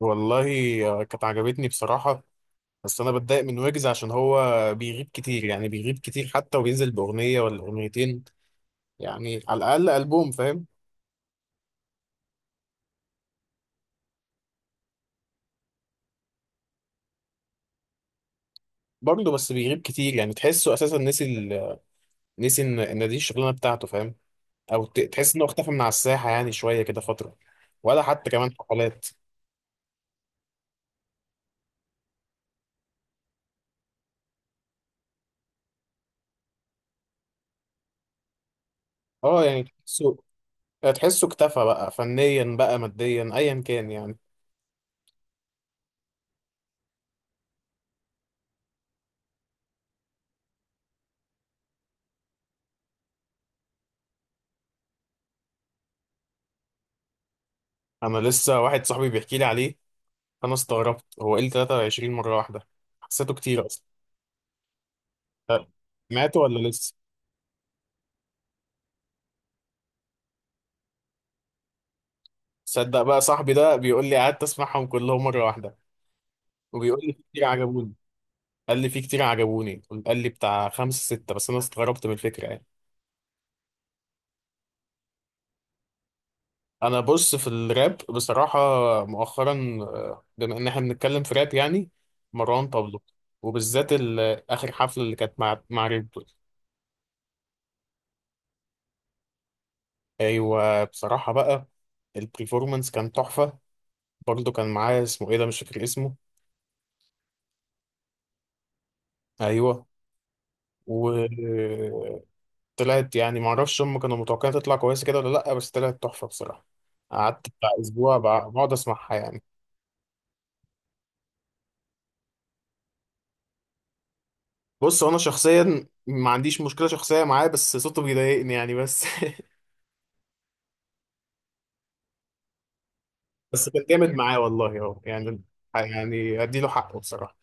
والله. كانت عجبتني بصراحة. بس أنا بتضايق من ويجز عشان هو بيغيب كتير، يعني بيغيب كتير حتى وبينزل بأغنية ولا أغنيتين، يعني على الأقل ألبوم، فاهم. برضه بس بيغيب كتير، يعني تحسه أساسا نسي إن دي الشغلانة بتاعته، فاهم. أو تحس إنه اختفى من على الساحة يعني شوية كده فترة، ولا حتى كمان حفلات. أه يعني تحسه اكتفى بقى فنيا بقى ماديا أيا كان يعني. أنا لسه واحد صاحبي بيحكي لي عليه. أنا استغربت، هو إيه ال 23 مرة واحدة؟ حسيته كتير أصلا. أه، ماتوا ولا لسه؟ تصدق بقى صاحبي ده بيقول لي قعدت اسمعهم كلهم مره واحده. وبيقول لي في كتير عجبوني، قال لي في كتير عجبوني، قال لي بتاع خمسة ستة، بس انا استغربت من الفكره يعني. انا بص في الراب بصراحه، مؤخرا، بما ان احنا بنتكلم في راب يعني مروان بابلو. وبالذات اخر حفله اللي كانت مع ريد بول. ايوه بصراحه بقى، البرفورمانس كان تحفه. برضه كان معاه، اسمه ايه ده، مش فاكر اسمه. ايوه. و طلعت، يعني معرفش هم كانوا متوقعين تطلع كويسة كده ولا لأ، بس طلعت تحفة بصراحة. قعدت بتاع أسبوع بقعد أسمعها يعني. بص هو أنا شخصيا ما عنديش مشكلة شخصية معاه، بس صوته بيضايقني يعني بس بس كان جامد معاه والله، هو يعني، يعني أديله حقه بصراحة.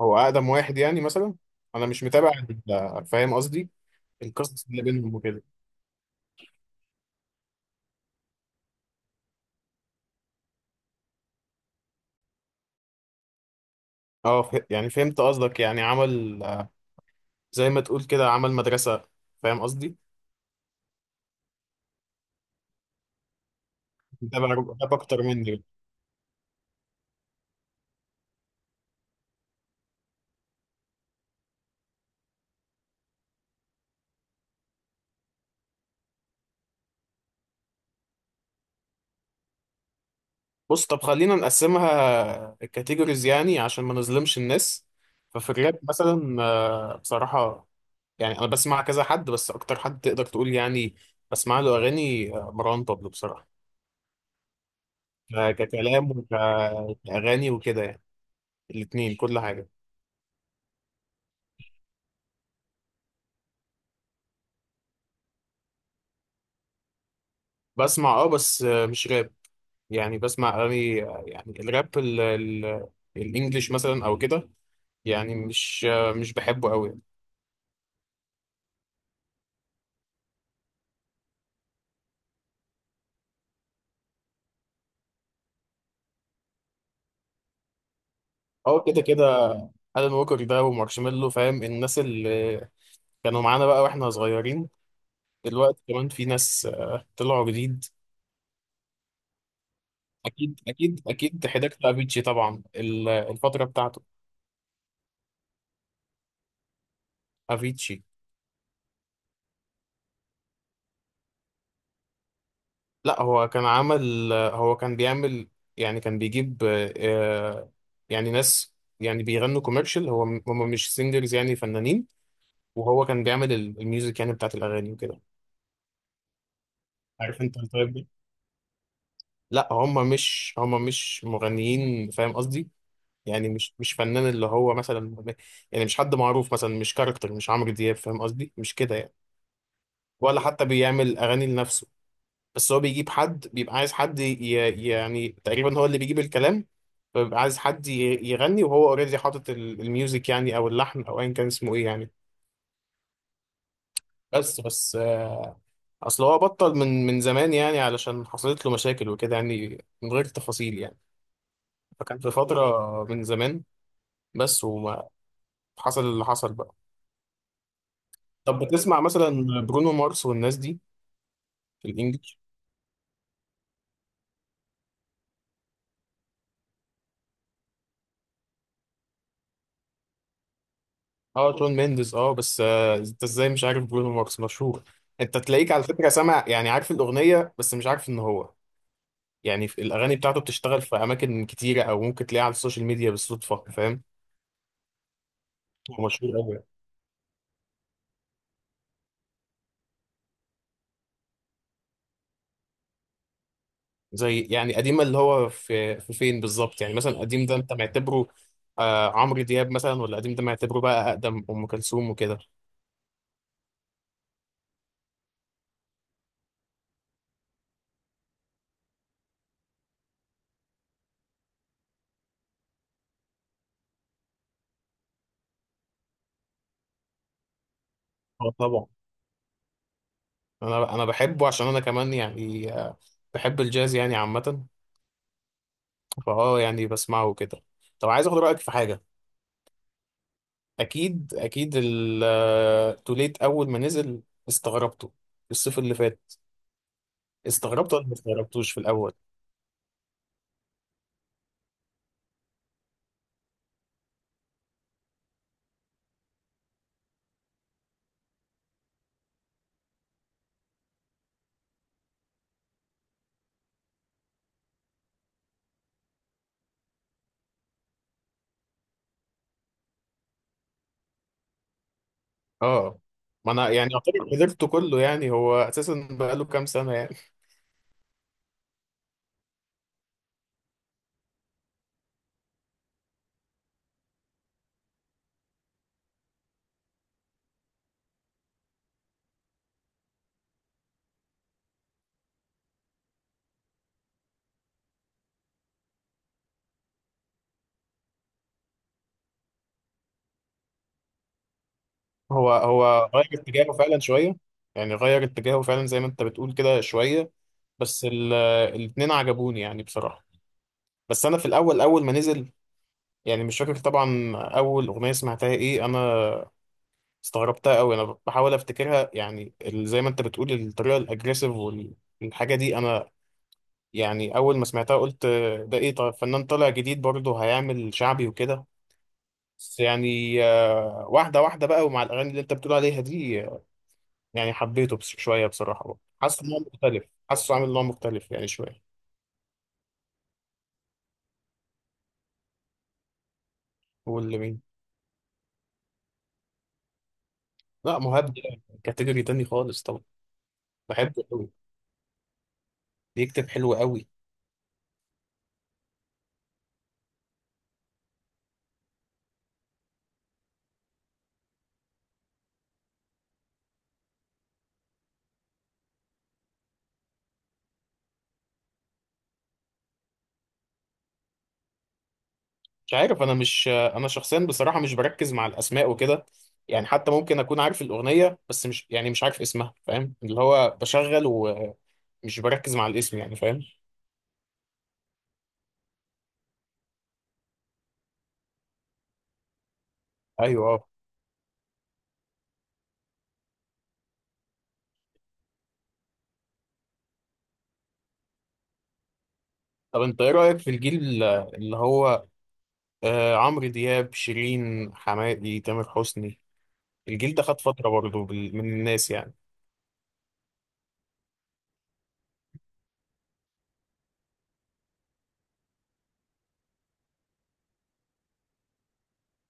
هو أقدم واحد يعني مثلا. أنا مش متابع فاهم قصدي، القصص اللي بينهم وكده. اه يعني فهمت قصدك، يعني عمل، زي ما تقول كده عمل مدرسة، فاهم قصدي. متابع، أكتر مني. بص طب خلينا نقسمها كاتيجوريز يعني عشان ما نظلمش الناس. ففي الراب مثلا، بصراحة يعني أنا بسمع كذا حد، بس أكتر حد تقدر تقول يعني بسمع له أغاني، مروان بابلو بصراحة. ككلام وكأغاني وكده يعني، الاتنين كل حاجة. بسمع أه بس مش راب. يعني بسمع أغاني يعني الراب الإنجليش مثلا أو كده، يعني مش مش بحبه أوي. أه كده كده، ألان ووكر ده ومارشميلو، فاهم، الناس اللي كانوا معانا بقى واحنا صغيرين. دلوقتي كمان في ناس طلعوا جديد. اكيد اكيد حضرت افيتشي طبعا، الفتره بتاعته. افيتشي. لا هو كان عمل، هو كان بيعمل، يعني كان بيجيب آه، يعني ناس يعني بيغنوا كوميرشال. هو هم مش سينجرز يعني فنانين. وهو كان بيعمل الميوزك يعني بتاعت الاغاني وكده. عارف انت التايب ده. لا هم مش هم مش مغنيين، فاهم قصدي. يعني مش فنان، اللي هو مثلا يعني مش حد معروف مثلا، مش كاركتر، مش عمرو دياب، فاهم قصدي، مش كده يعني. ولا حتى بيعمل اغاني لنفسه. بس هو بيجيب حد، بيبقى عايز حد يعني تقريبا هو اللي بيجيب الكلام. فبيبقى عايز حد يغني، وهو اوريدي حاطط الميوزك يعني، او اللحن او ايا كان اسمه ايه يعني. بس اصل هو بطل من زمان يعني، علشان حصلت له مشاكل وكده يعني، من غير تفاصيل يعني. فكان في فترة من زمان بس، وما حصل اللي حصل بقى. طب بتسمع مثلا برونو مارس والناس دي في الانجليش؟ اه شون مينديز اه. بس انت ازاي مش عارف برونو مارس؟ مشهور. انت تلاقيك على فكره سامع، يعني عارف الاغنيه بس مش عارف ان هو، يعني في الاغاني بتاعته بتشتغل في اماكن كتيره، او ممكن تلاقيها على السوشيال ميديا بالصدفه، فاهم. هو مشهور قوي. زي يعني قديم، اللي هو في في فين بالظبط يعني، مثلا قديم ده انت معتبره آه عمرو دياب مثلا، ولا قديم ده معتبره بقى اقدم ام كلثوم وكده؟ اه طبعا. انا بحبه عشان انا كمان يعني، بحب الجاز يعني عامة. فاه يعني بسمعه كده. طب عايز اخد رايك في حاجه. اكيد التوليت اول ما نزل، استغربته، الصيف اللي فات. استغربته ولا ما استغربتوش في الاول؟ اه ما انا يعني اعتبر حضرته كله يعني، هو اساسا بقاله كام سنه يعني. هو غير اتجاهه فعلا شويه، يعني غير اتجاهه فعلا زي ما انت بتقول كده شويه. بس الاتنين عجبوني يعني بصراحه. بس انا في الاول اول ما نزل، يعني مش فاكر طبعا اول اغنيه سمعتها ايه، انا استغربتها قوي. انا بحاول افتكرها يعني، زي ما انت بتقول الطريقه الاجريسيف والحاجه دي. انا يعني اول ما سمعتها قلت ده ايه، طيب فنان طالع جديد برضه هيعمل شعبي وكده. بس يعني واحده واحده بقى، ومع الاغاني اللي انت بتقول عليها دي يعني حبيته. بس شويه بصراحه بقى حاسس ان هو مختلف. حاسه عامل نوع مختلف يعني شويه. واللي مين؟ لا مهاب ده كاتيجوري تاني خالص طبعا. بحبه قوي، بيكتب حلو قوي. مش عارف، انا شخصيا بصراحه مش بركز مع الاسماء وكده يعني. حتى ممكن اكون عارف الاغنيه بس مش، يعني مش عارف اسمها، فاهم، اللي هو بشغل ومش بركز مع الاسم يعني، فاهم. ايوه اه. طب انت ايه رايك في الجيل اللي هو آه عمرو دياب، شيرين، حماقي، تامر حسني؟ الجيل ده خد فتره برضه من الناس يعني.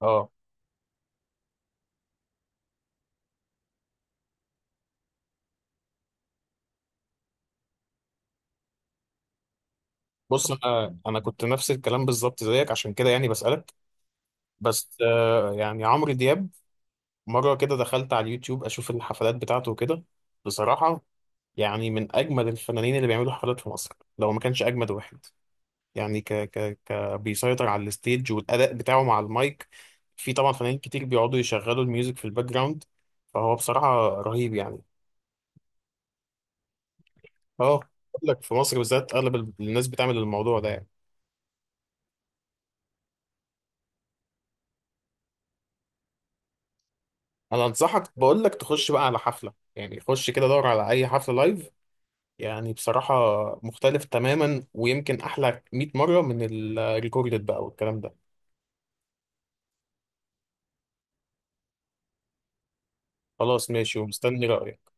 اه بص انا كنت نفس الكلام بالظبط زيك عشان كده يعني بسالك. بس آه يعني عمرو دياب، مرة كده دخلت على اليوتيوب أشوف الحفلات بتاعته وكده، بصراحة يعني من أجمد الفنانين اللي بيعملوا حفلات في مصر لو ما كانش أجمد واحد. يعني ك ك ك بيسيطر على الستيج والأداء بتاعه مع المايك. في طبعا فنانين كتير بيقعدوا يشغلوا الميوزك في الباك جراوند. فهو بصراحة رهيب يعني. اه بقول لك، في مصر بالذات أغلب الناس بتعمل الموضوع ده يعني. أنا أنصحك بقول لك تخش بقى على حفلة، يعني خش كده دور على أي حفلة لايف، يعني بصراحة مختلف تماما، ويمكن أحلى 100 مرة من الريكوردد بقى والكلام ده. خلاص ماشي، ومستني رأيك.